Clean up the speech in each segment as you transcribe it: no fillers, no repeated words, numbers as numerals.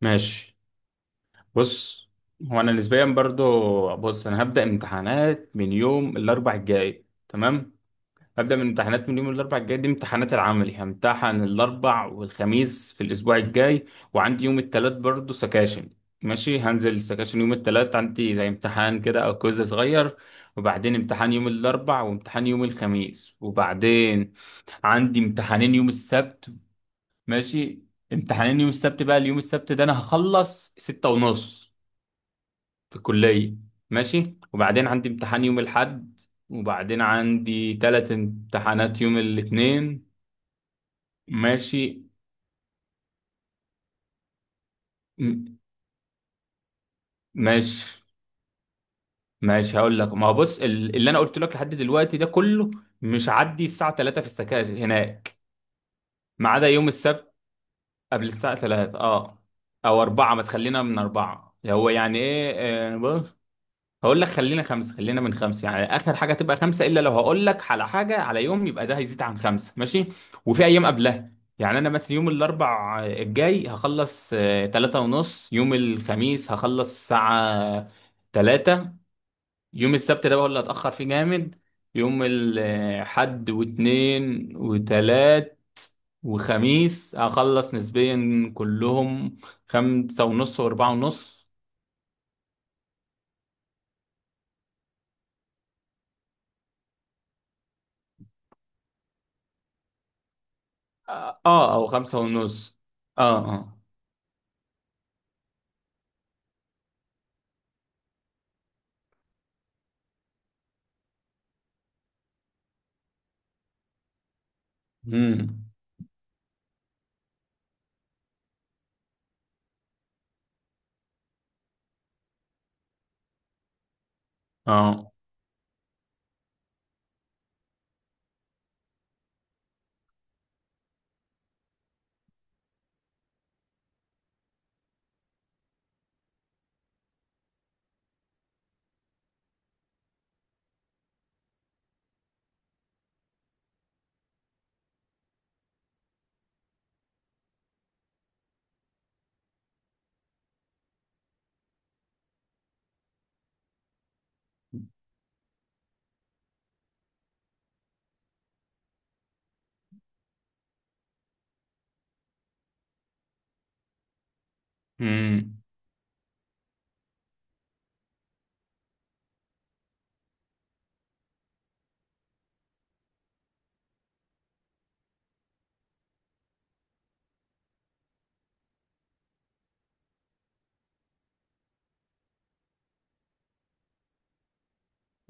ماشي. بص، هو انا نسبيا برضو. بص، انا هبدأ امتحانات من يوم الاربع الجاي. تمام. هبدأ من امتحانات من يوم الاربع الجاي، دي امتحانات العملي، همتحن الاربع والخميس في الاسبوع الجاي. وعندي يوم التلات برضو سكاشن. ماشي. هنزل السكاشن يوم التلات، عندي زي امتحان كده او كويز صغير. وبعدين امتحان يوم الاربع وامتحان يوم الخميس. وبعدين عندي امتحانين يوم السبت. ماشي. امتحانين يوم السبت بقى، اليوم السبت ده انا هخلص 6:30 في الكلية. ماشي. وبعدين عندي امتحان يوم الأحد. وبعدين عندي تلات امتحانات يوم الاثنين. ماشي. م- ماشي. ماشي، هقول لك. ما هو بص، اللي انا قلت لك لحد دلوقتي ده كله مش عدي الساعة 3 في السكاشن هناك، ما عدا يوم السبت. قبل الساعة 3، اه، او 4. ما تخلينا من 4، هو يعني ايه. بص، هقول لك، خلينا خمسة، خلينا من خمسة، يعني آخر حاجة تبقى خمسة، إلا لو هقول لك على حاجة على يوم يبقى ده هيزيد عن خمسة، ماشي. وفي أيام قبلها. يعني أنا مثلا يوم الأربع الجاي هخلص 3:30. يوم الخميس هخلص الساعة 3. يوم السبت ده بقى هو اللي هتأخر فيه جامد. يوم الحد واتنين وتلات وخميس هخلص نسبيا كلهم 5:30 و4:30. أو خمسة ونص. اه. اه. امم. اه. امم.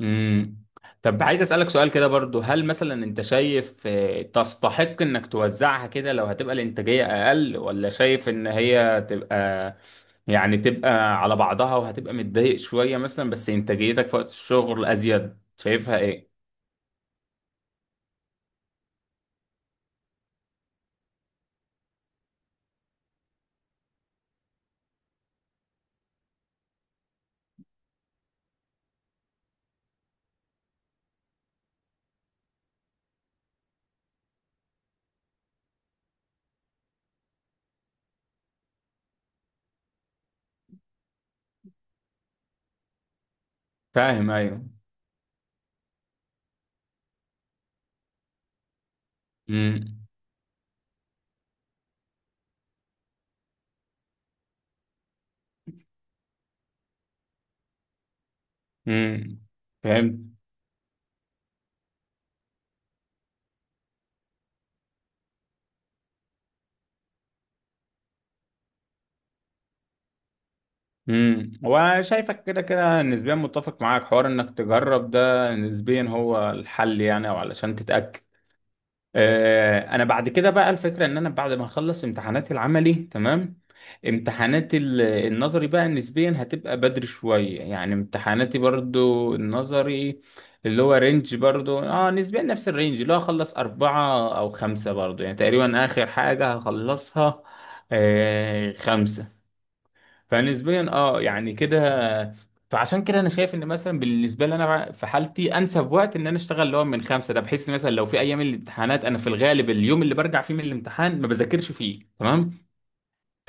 امم. طب، عايز اسالك سؤال كده برضو، هل مثلا انت شايف تستحق انك توزعها كده لو هتبقى الانتاجيه اقل، ولا شايف ان هي تبقى، يعني تبقى على بعضها وهتبقى متضايق شويه مثلا بس انتاجيتك في وقت الشغل ازيد؟ شايفها ايه؟ فاهم، ايوه. امم. امم. فهمت. امم. وشايفك كده كده نسبيا متفق معاك، حوار انك تجرب ده نسبيا هو الحل يعني، او علشان تتاكد. انا بعد كده بقى الفكره ان انا بعد ما اخلص امتحانات العملي تمام، امتحانات النظري بقى نسبيا هتبقى بدري شويه، يعني امتحاناتي برضو النظري اللي هو رينج برضو اه نسبيا نفس الرينج، اللي هو اخلص اربعة او خمسة برضو، يعني تقريبا اخر حاجة هخلصها آه خمسة. فنسبيا اه يعني كده. فعشان كده انا شايف ان مثلا بالنسبه لي، انا في حالتي انسب وقت ان انا اشتغل اللي هو من خمسه ده، بحيث إن مثلا لو في ايام الامتحانات انا في الغالب اليوم اللي برجع فيه من الامتحان ما بذاكرش فيه. تمام.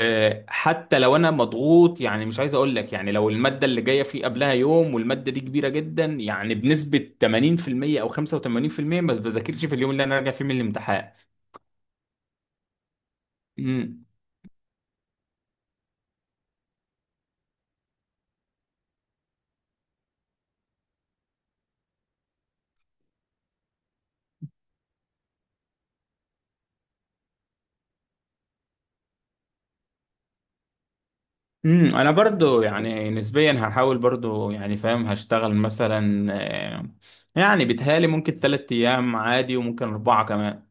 آه، حتى لو انا مضغوط، يعني مش عايز اقول لك يعني، لو الماده اللي جايه فيه قبلها يوم والماده دي كبيره جدا يعني بنسبه 80% او 85%، ما بذاكرش في اليوم اللي انا راجع فيه من الامتحان. مم. امم. انا برضو يعني نسبيا هحاول برضو، يعني فاهم هشتغل مثلا، آه، يعني بيتهيالي ممكن تلات ايام عادي، وممكن اربعة كمان.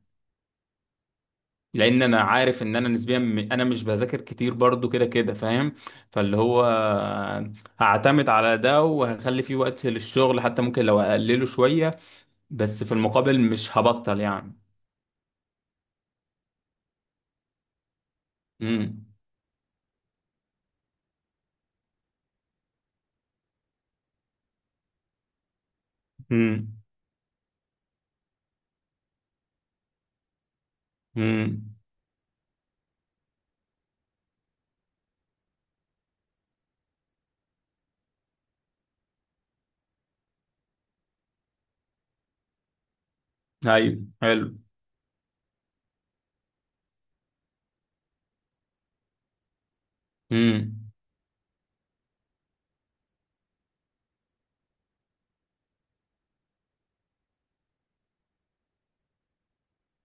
لان انا عارف ان انا نسبيا انا مش بذاكر كتير برضو كده كده فاهم. فاللي هو هعتمد على ده وهخلي فيه وقت للشغل، حتى ممكن لو اقلله شوية، بس في المقابل مش هبطل يعني. امم. امم. امم. ايوه، حلو. امم.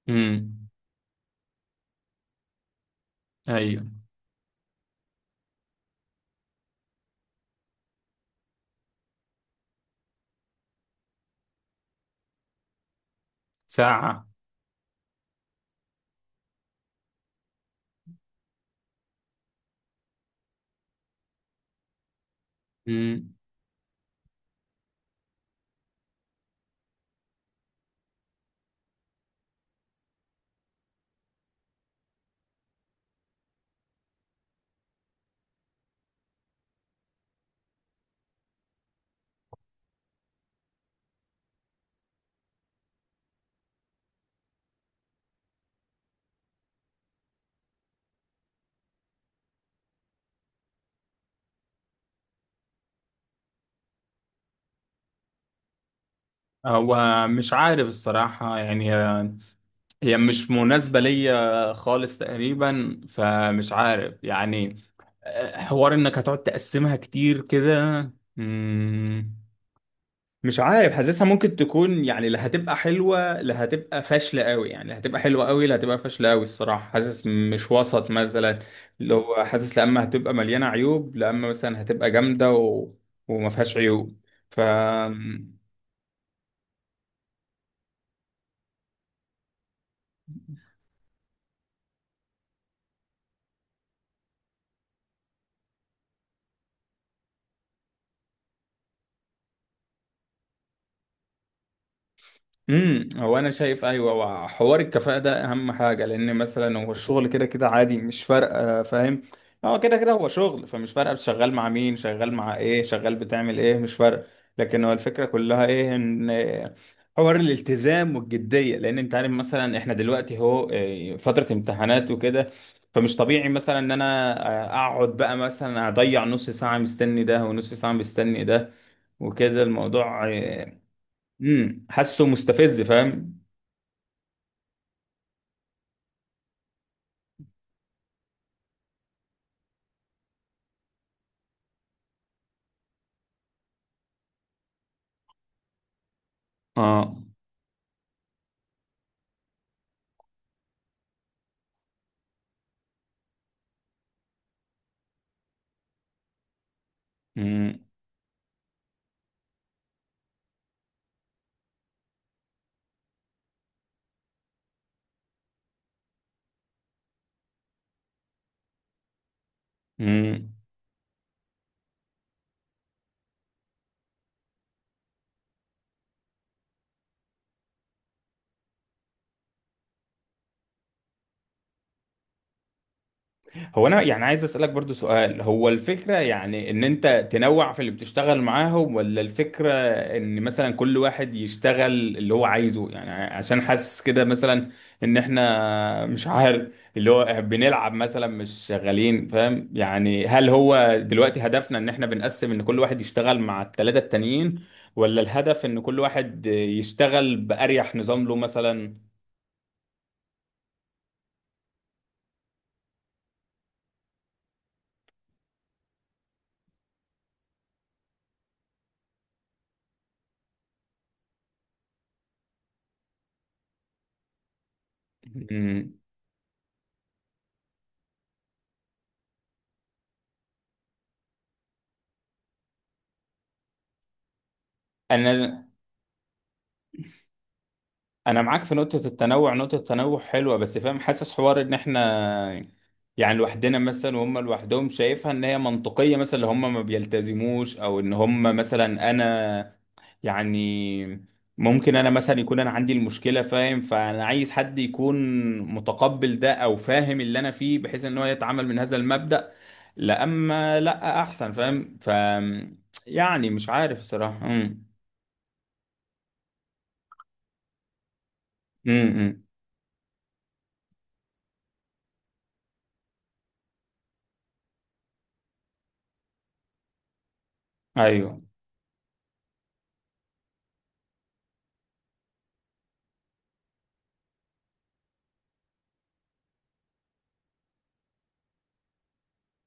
امم. ايوه. ساعة. هو مش عارف الصراحة، يعني هي، هي مش مناسبة ليا خالص تقريبا، فمش عارف يعني. آه، حوار انك هتقعد تقسمها كتير كده. مم، مش عارف، حاسسها ممكن تكون يعني لا هتبقى حلوة لا هتبقى فاشلة قوي، يعني لا هتبقى حلوة قوي لا هتبقى فاشلة قوي. الصراحة حاسس مش وسط مثلا. لو حاسس لا اما هتبقى مليانة عيوب، لا اما مثلا هتبقى جامدة و... وما فيهاش عيوب. ف امم. هو انا شايف ايوه. وحوار الكفاءه ده اهم حاجه، لان مثلا هو الشغل كده كده عادي مش فارقه فاهم. هو كده كده هو شغل، فمش فارقه شغال مع مين، شغال مع ايه، شغال بتعمل ايه، مش فارقه. لكن هو الفكره كلها ايه، ان حوار الالتزام والجديه. لان انت عارف مثلا احنا دلوقتي هو فتره امتحانات وكده، فمش طبيعي مثلا ان انا اقعد بقى مثلا اضيع نص ساعه مستني ده ونص ساعه مستني ده وكده الموضوع. امم. حاسه مستفز فاهم. اه. امم. امم. هو انا يعني عايز اسالك برضو سؤال، هو الفكره يعني ان انت تنوع في اللي بتشتغل معاهم، ولا الفكره ان مثلا كل واحد يشتغل اللي هو عايزه؟ يعني عشان حاسس كده مثلا، ان احنا مش عارف اللي هو بنلعب مثلا مش شغالين فاهم. يعني هل هو دلوقتي هدفنا ان احنا بنقسم ان كل واحد يشتغل مع الثلاثه التانيين، ولا الهدف ان كل واحد يشتغل باريح نظام له مثلا؟ مم. انا انا معاك في نقطه التنوع. نقطه التنوع حلوه، بس فاهم حاسس حوار ان احنا، يعني لوحدنا مثلا وهم لوحدهم، شايفها ان هي منطقيه مثلا. اللي هم ما بيلتزموش، او ان هم مثلا انا، يعني ممكن انا مثلا يكون انا عندي المشكله فاهم، فانا عايز حد يكون متقبل ده او فاهم اللي انا فيه، بحيث ان هو يتعامل من هذا المبدأ. لا اما لا احسن فاهم. يعني مش عارف الصراحه. امم. امم. ايوه